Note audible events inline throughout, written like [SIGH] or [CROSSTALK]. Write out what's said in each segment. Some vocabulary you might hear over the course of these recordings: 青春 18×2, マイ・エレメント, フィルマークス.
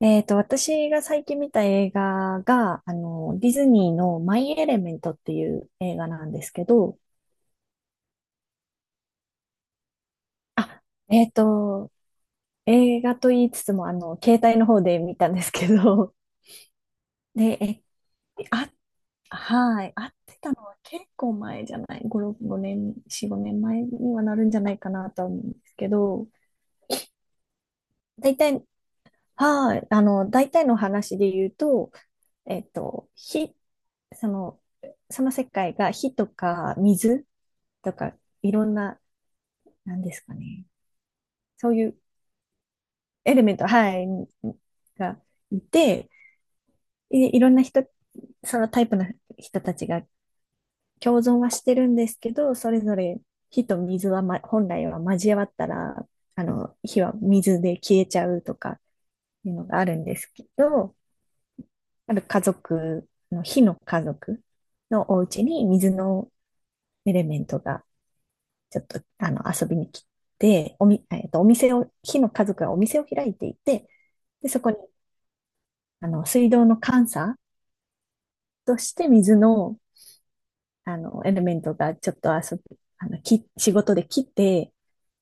私が最近見た映画が、ディズニーのマイ・エレメントっていう映画なんですけど、あ、えっと、映画と言いつつも、携帯の方で見たんですけど、で、え、あ、はい、会ってたのは結構前じゃない、5、6 5年、4、5年前にはなるんじゃないかなとは思うんですけど、大体、はい、大体の話で言うと、えっと、火、その、その世界が火とか水、とか、いろんな、なんですかね。そういうエレメント、はい、がいて、いろんな人、そのタイプの人たちが共存はしてるんですけど、それぞれ火と水は、ま、本来は交わったら、火は水で消えちゃうとかいうのがあるんですけど、ある家族の、火の家族のお家に水のエレメントがちょっと遊びに来て、おみ、えっと、お店を、火の家族がお店を開いていて、で、そこに、水道の監査として水の、エレメントがちょっと遊び、あの、き、仕事で来て、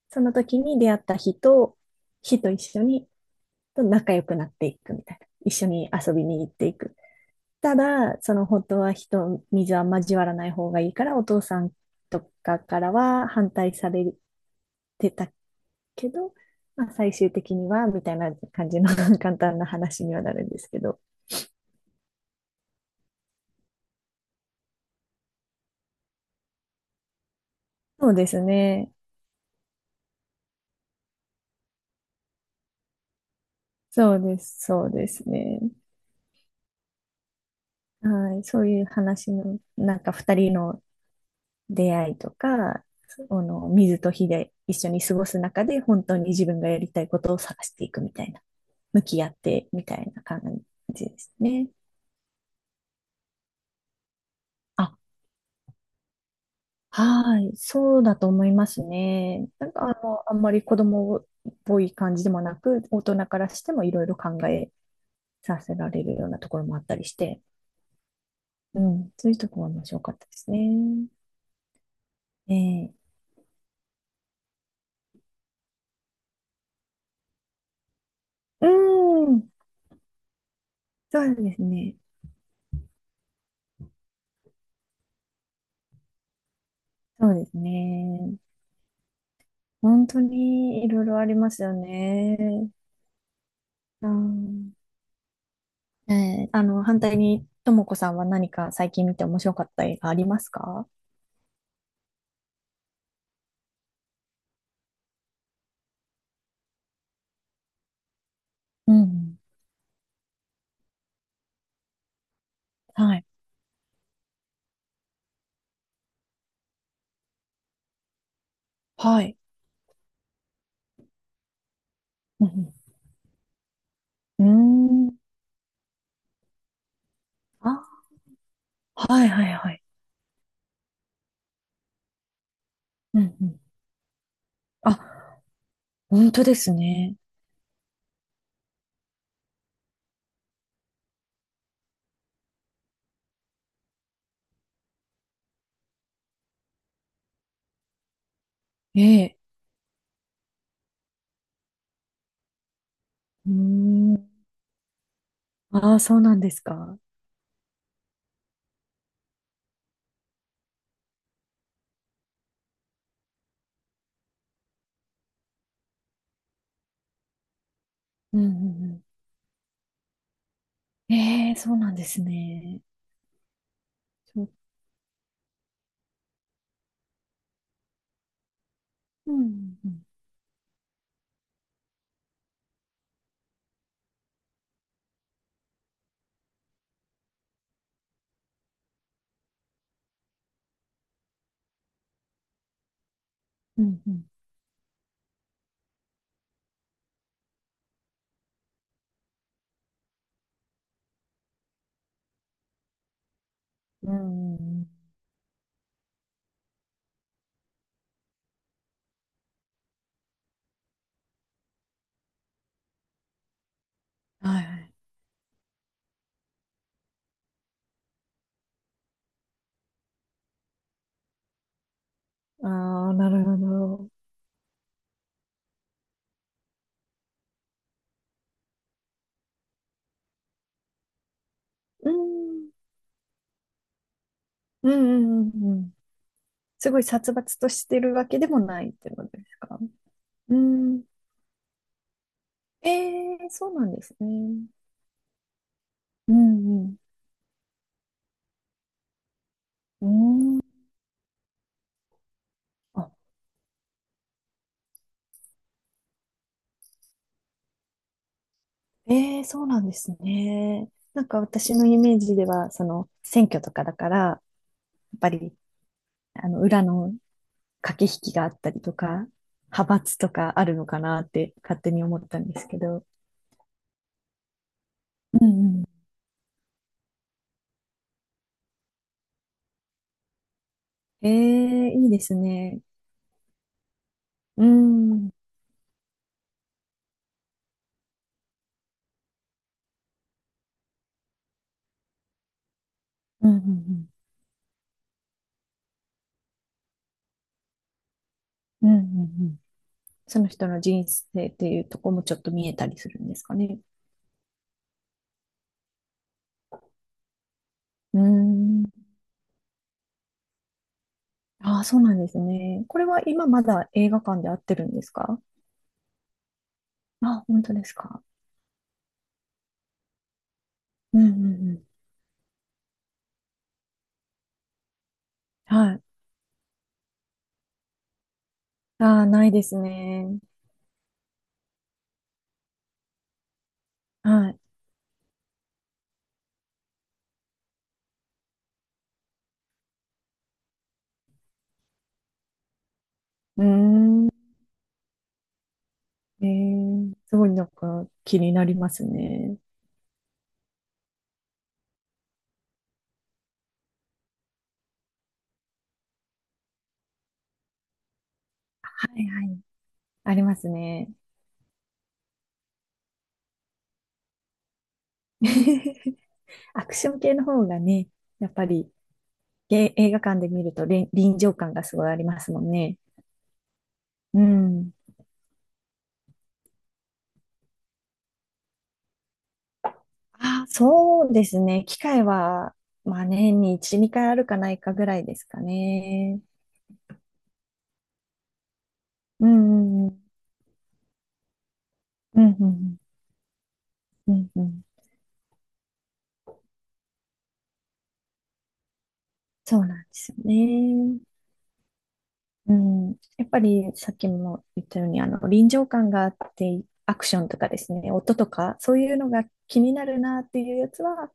その時に出会った日と一緒に、と仲良くなっていくみたいな。一緒に遊びに行っていく。ただ、その本当は火と水は交わらない方がいいから、お父さんとかからは反対されてたけど、まあ、最終的には、みたいな感じの [LAUGHS] 簡単な話にはなるんですけど。そうですね。そうです、そうですね。はい、そういう話の、なんか二人の出会いとか、その水と火で一緒に過ごす中で、本当に自分がやりたいことを探していくみたいな、向き合ってみたいな感じですね。あ、はい、そうだと思いますね。なんかあんまり子供っぽい感じでもなく、大人からしてもいろいろ考えさせられるようなところもあったりして、うん、そういうところが面白かったですね。ええうん、そうですね。そうですね。本当にいろいろありますよね。うん。反対に、ともこさんは何か最近見て面白かった映画ありますか？うん。はい。はい。うん。うんうーん。あ、はいはいはい。うんうん。あ、本当ですね。ええ。うーん。ああ、そうなんですか。うんうんうん。ええ、そうなんですね。そう。うんうんうん。うんうん。うんうんうん。はいはい。ああ、なるほど。うん。うんうんうんうん。すごい殺伐としてるわけでもないってことですか？うん。ええそうなんですね。うんうん。うん。あ、ええそうなんですね。なんか私のイメージでは、その、選挙とかだから、やっぱり、裏の駆け引きがあったりとか、派閥とかあるのかなって勝手に思ったんですけど。うんうん。ええいいですね。うん。うんうんうん。うんうんうん。その人の人生っていうとこもちょっと見えたりするんですかね？うーん。ああ、そうなんですね。これは今まだ映画館で合ってるんですか？あ、本当ですか。うんうんうん。はい。ああ、ないですね。はい。うーん。すごいなんか気になりますね。はいはい。ありますね。[LAUGHS] アクション系の方がね、やっぱり映画館で見ると臨場感がすごいありますもんね。うん。あ、そうですね。機会は、まあ年に1、2回あるかないかぐらいですかね。うん、うん、うん、うん、うん、うん。そうなんですよね。うん。やっぱりさっきも言ったように、臨場感があって、アクションとかですね、音とか、そういうのが気になるなっていうやつは、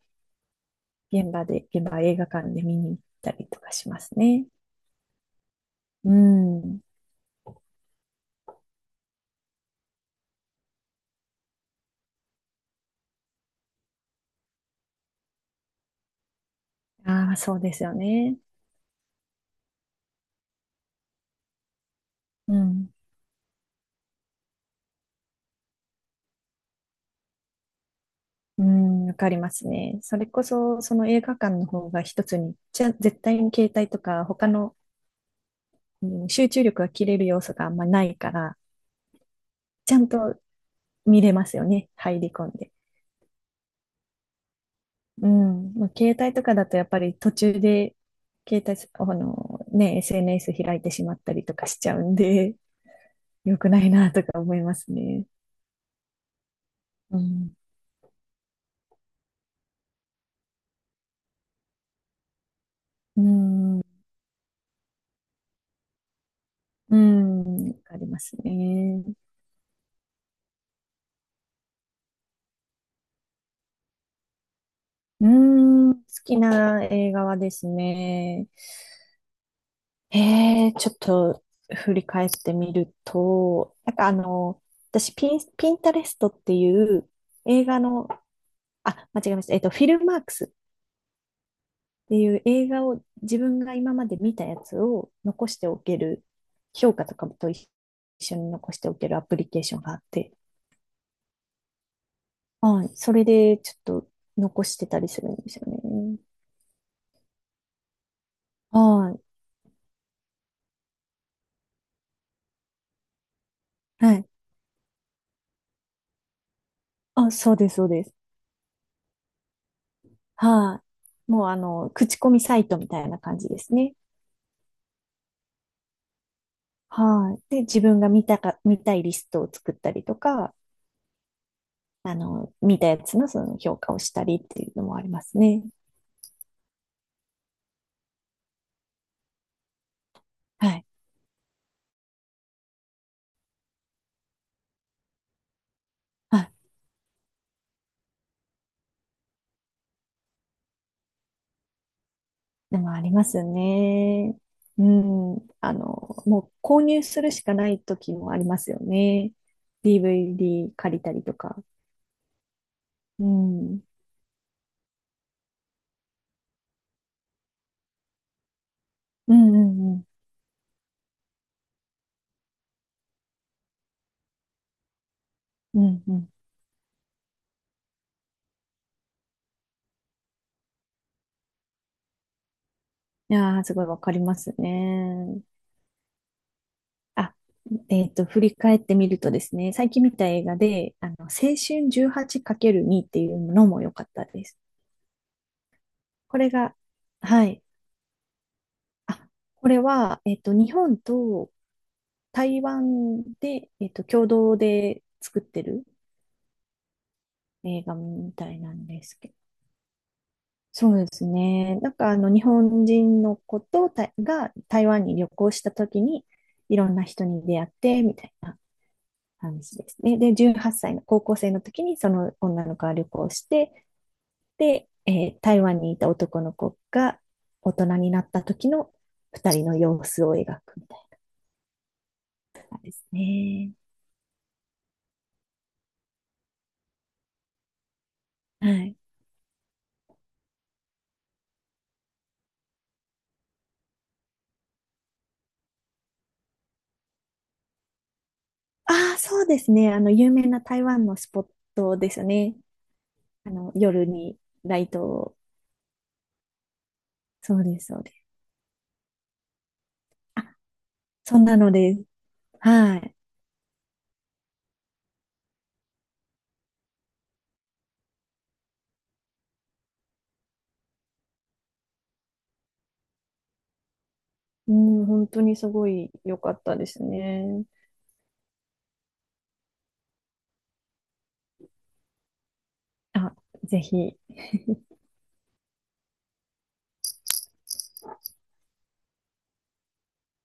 現場映画館で見に行ったりとかしますね。うん。ああ、そうですよね。うん。うん、わかりますね。それこそ、その映画館の方が一つに、じゃ、絶対に携帯とか他の、うん、集中力が切れる要素があんまないから、ちゃんと見れますよね。入り込んで。うん。まあ、携帯とかだとやっぱり途中で、携帯す、あの、ね、SNS 開いてしまったりとかしちゃうんで、[LAUGHS] 良くないなとか思いますね。うん。うん。うん。わかりますね。うん。好きな映画はですね、ちょっと振り返ってみると、なんか私ピン、ピンタレストっていう映画の、あ、間違えました。フィルマークスっていう映画を自分が今まで見たやつを残しておける、評価とかと一緒に残しておけるアプリケーションがあって、はい、それでちょっと残してたりするんですよね。はい、はい。あ、そうです、そうです。はい。もう口コミサイトみたいな感じですね。はい。で、自分が見たか、見たいリストを作ったりとか、見たやつのその評価をしたりっていうのもありますね。はい。あ、でもありますね。うん。もう購入するしかない時もありますよね。DVD 借りたりとか。うん。うんうんうん。うんうん。いやー、すごいわかりますね。あ、振り返ってみるとですね、最近見た映画で、青春 18×2 っていうのも良かったです。これが、はい。あ、これは、日本と台湾で、共同で作ってる映画みたいなんですけど。そうですね。なんか、日本人の子とたが台湾に旅行した時に、いろんな人に出会って、みたいな。話ですね。で、18歳の高校生の時にその女の子は旅行して、で、台湾にいた男の子が大人になった時の二人の様子を描くみたいなですね。はい。ああ、そうですね。有名な台湾のスポットですよね。夜にライトを。そうです、そうです。あ、そんなのです。はい。うん、本当にすごい良かったですね。あ、ぜひ。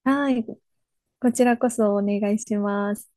はい。こちらこそお願いします。